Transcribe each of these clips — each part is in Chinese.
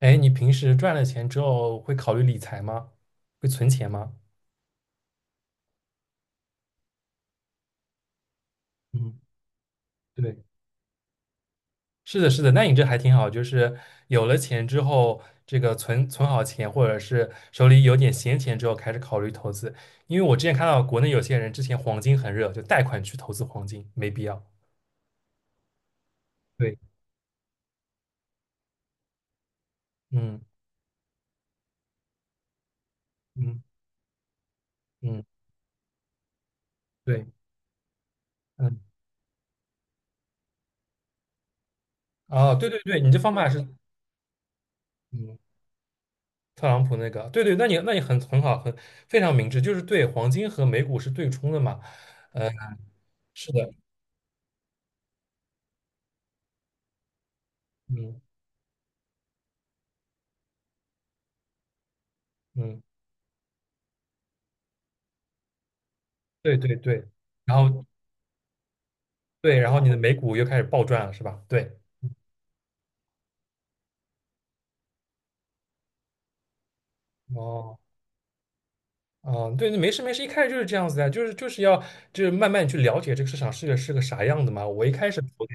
哎，你平时赚了钱之后会考虑理财吗？会存钱吗？嗯，对，是的，是的，那你这还挺好，就是有了钱之后，这个存好钱，或者是手里有点闲钱之后，开始考虑投资。因为我之前看到国内有些人之前黄金很热，就贷款去投资黄金，没必要。对，嗯嗯，嗯对，嗯，哦，对对对，你这方法是嗯，特朗普那个，对对，那你很好，非常明智，就是对黄金和美股是对冲的嘛。呃是的。嗯嗯，对对对，然后对，然后你的美股又开始暴赚了，是吧？对，哦，啊，对，没事没事，一开始就是这样子的，就是要就是慢慢去了解这个市场是个啥样的嘛。我一开始投的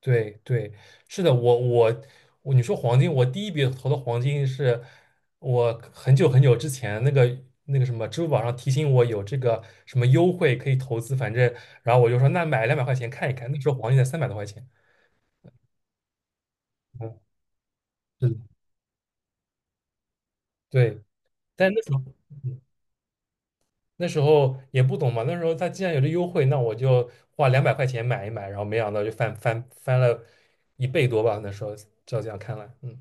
对对，是的，我，你说黄金，我第一笔投的黄金是我很久很久之前那个什么支付宝上提醒我有这个什么优惠可以投资，反正然后我就说那买两百块钱看一看，那时候黄金才300多块钱，嗯，是的对。但是那时候嗯也不懂嘛，那时候它既然有这优惠，那我就花两百块钱买一买，然后没想到就翻了一倍多吧，那时候照这样看来，嗯，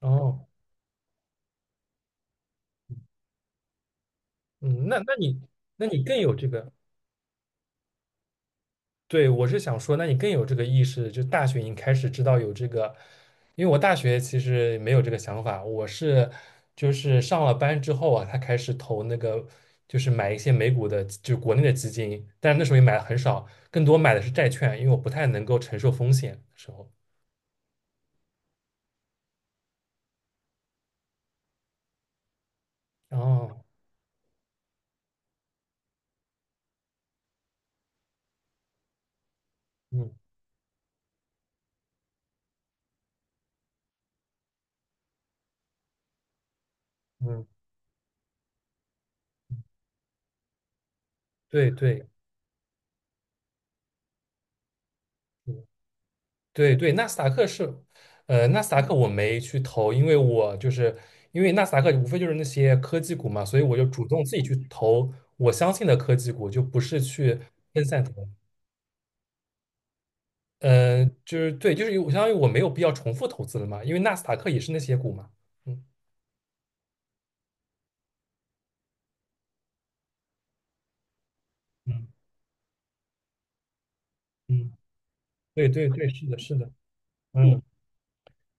哦，嗯，那你更有这个。对，我是想说，那你更有这个意识，就大学已经开始知道有这个，因为我大学其实没有这个想法，我是就是上了班之后啊，他开始投那个，就是买一些美股的，就国内的基金，但是那时候也买的很少，更多买的是债券，因为我不太能够承受风险的时候。哦，嗯嗯，对对，嗯对对，纳斯达克是，纳斯达克我没去投，因为我就是因为纳斯达克无非就是那些科技股嘛，所以我就主动自己去投我相信的科技股，就不是去分散投。就是对，就是我相当于我没有必要重复投资了嘛，因为纳斯达克也是那些股嘛。嗯嗯嗯，对对对，是的，是的，嗯，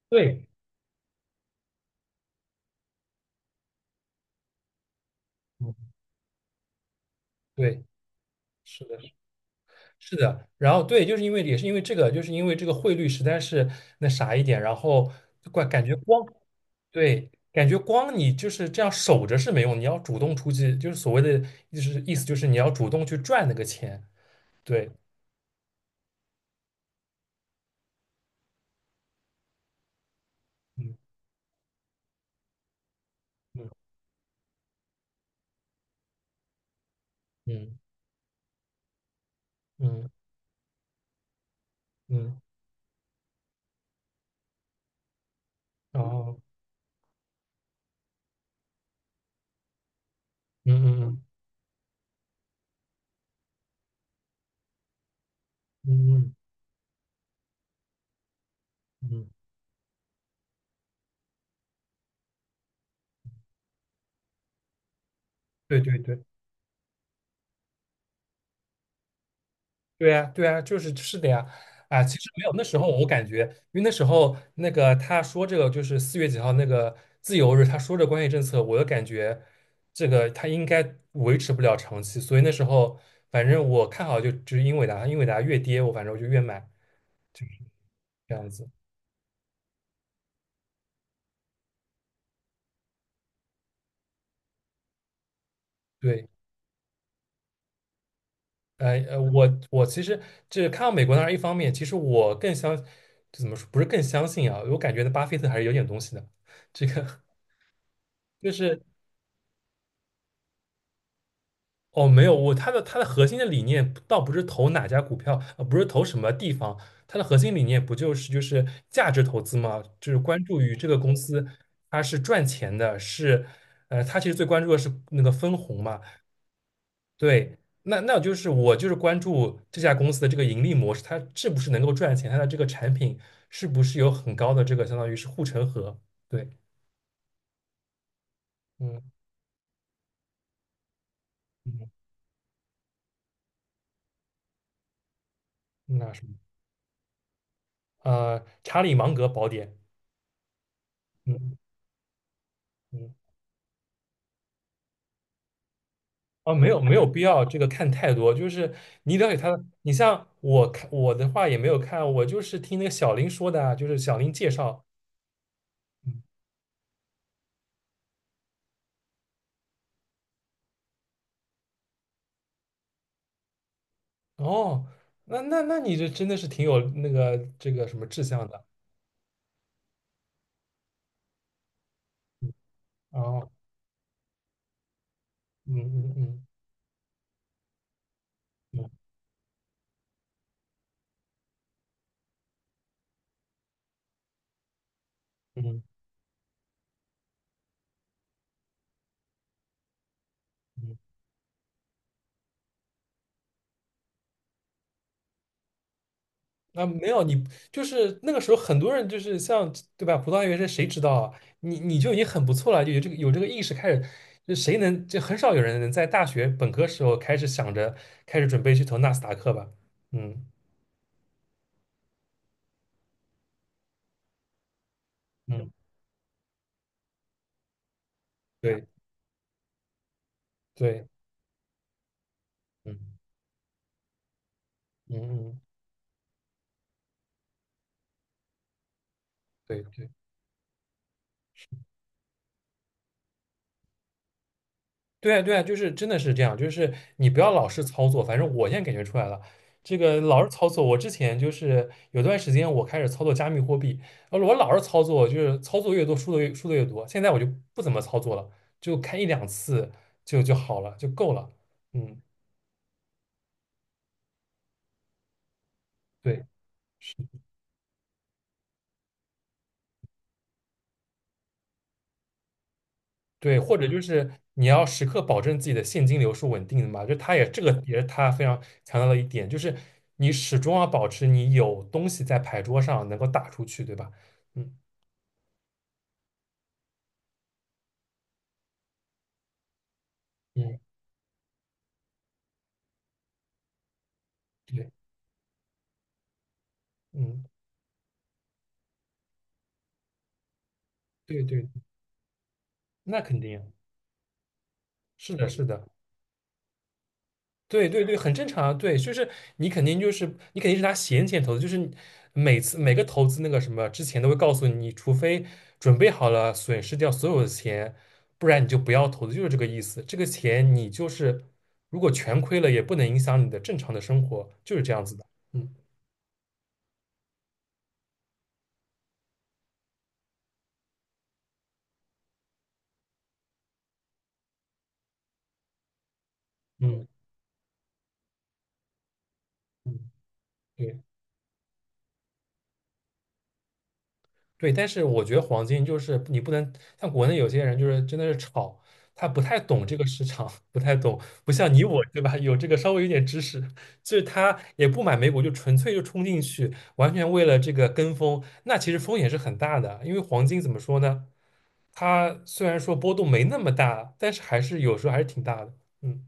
对，嗯对，是的。是的，然后对，就是因为也是因为这个，就是因为这个汇率实在是那啥一点，然后感觉光对，感觉光你就是这样守着是没用，你要主动出击，就是所谓的就是意思就是你要主动去赚那个钱，对，嗯嗯嗯嗯嗯，然后嗯嗯嗯嗯嗯，嗯对对对。对呀，对呀，就是是的呀，啊，其实没有那时候我感觉，因为那时候那个他说这个就是4月几号那个自由日，他说这关税政策，我就感觉这个他应该维持不了长期，所以那时候反正我看好就是英伟达，英伟达越跌我反正我就越买这样子。对，我其实这看到美国那然一方面，其实我更相怎么说不是更相信啊，我感觉巴菲特还是有点东西的，这个就是。哦，没有，我它的核心的理念倒不是投哪家股票，不是投什么地方，它的核心理念不就是价值投资吗？就是关注于这个公司它是赚钱的，是，他其实最关注的是那个分红嘛，对，那就是我就是关注这家公司的这个盈利模式，它是不是能够赚钱，它的这个产品是不是有很高的这个相当于是护城河，对，嗯嗯，嗯那什么，查理芒格宝典，嗯嗯。哦，没有没有必要这个看太多，就是你了解他的你像我看我的话也没有看，我就是听那个小林说的啊，就是小林介绍。嗯哦，那你这真的是挺有那个这个什么志向的。嗯哦，嗯嗯嗯嗯嗯嗯。啊，没有你，就是那个时候很多人就是像对吧？葡萄牙原声谁知道啊？你就已经很不错了，就有这个意识开始，就谁能就很少有人能在大学本科时候开始想着开始准备去投纳斯达克吧？嗯嗯，对对，嗯嗯嗯，对。对啊，对啊，就是真的是这样，就是你不要老是操作，反正我现在感觉出来了，这个老是操作，我之前就是有段时间我开始操作加密货币，然后我老是操作，就是操作越多输的越多，现在我就不怎么操作了，就看一两次就好了，就够了。嗯，对对，或者就是你要时刻保证自己的现金流是稳定的嘛，就他也这个也是他非常强调的一点，就是你始终要保持你有东西在牌桌上能够打出去，对吧？嗯嗯。对，嗯，对对，那肯定是的，是的，对对对，很正常啊。对，就是你肯定就是你肯定是拿闲钱投资，就是你每次每个投资那个什么之前都会告诉你，除非准备好了损失掉所有的钱，不然你就不要投资，就是这个意思。这个钱你就是如果全亏了，也不能影响你的正常的生活，就是这样子的。嗯嗯嗯，对。对，但是我觉得黄金就是你不能像国内有些人就是真的是炒，他不太懂这个市场，不太懂，不像你我对吧？有这个稍微有点知识，就是他也不买美股，就纯粹就冲进去，完全为了这个跟风，那其实风险是很大的。因为黄金怎么说呢？它虽然说波动没那么大，但是还是有时候还是挺大的。嗯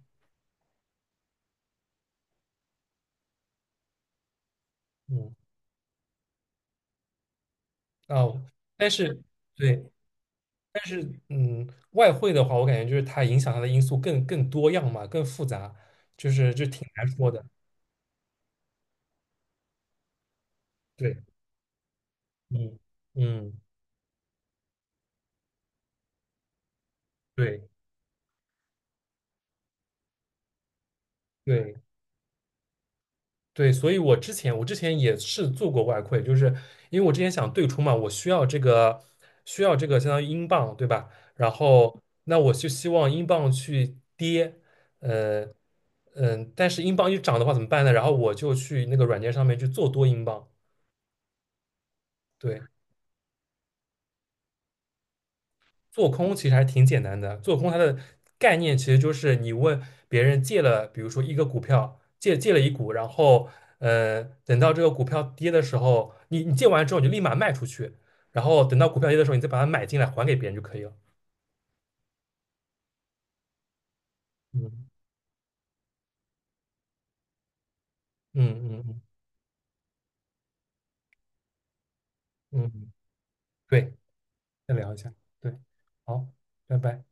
嗯哦，但是对。但是，嗯，外汇的话，我感觉就是它影响它的因素更多样嘛，更复杂，就挺难说的。对，嗯嗯，对对对，所以我之前也是做过外汇，就是因为我之前想对冲嘛，我需要这个相当于英镑，对吧？然后那我就希望英镑去跌，呃嗯，但是英镑一涨的话怎么办呢？然后我就去那个软件上面去做多英镑，对。做空其实还是挺简单的。做空它的概念其实就是你问别人借了，比如说一个股票，借了一股，然后等到这个股票跌的时候，你借完之后你就立马卖出去，然后等到股票跌的时候，你再把它买进来还给别人就可以了。嗯嗯嗯嗯嗯，对，再聊一下，对，好，拜拜。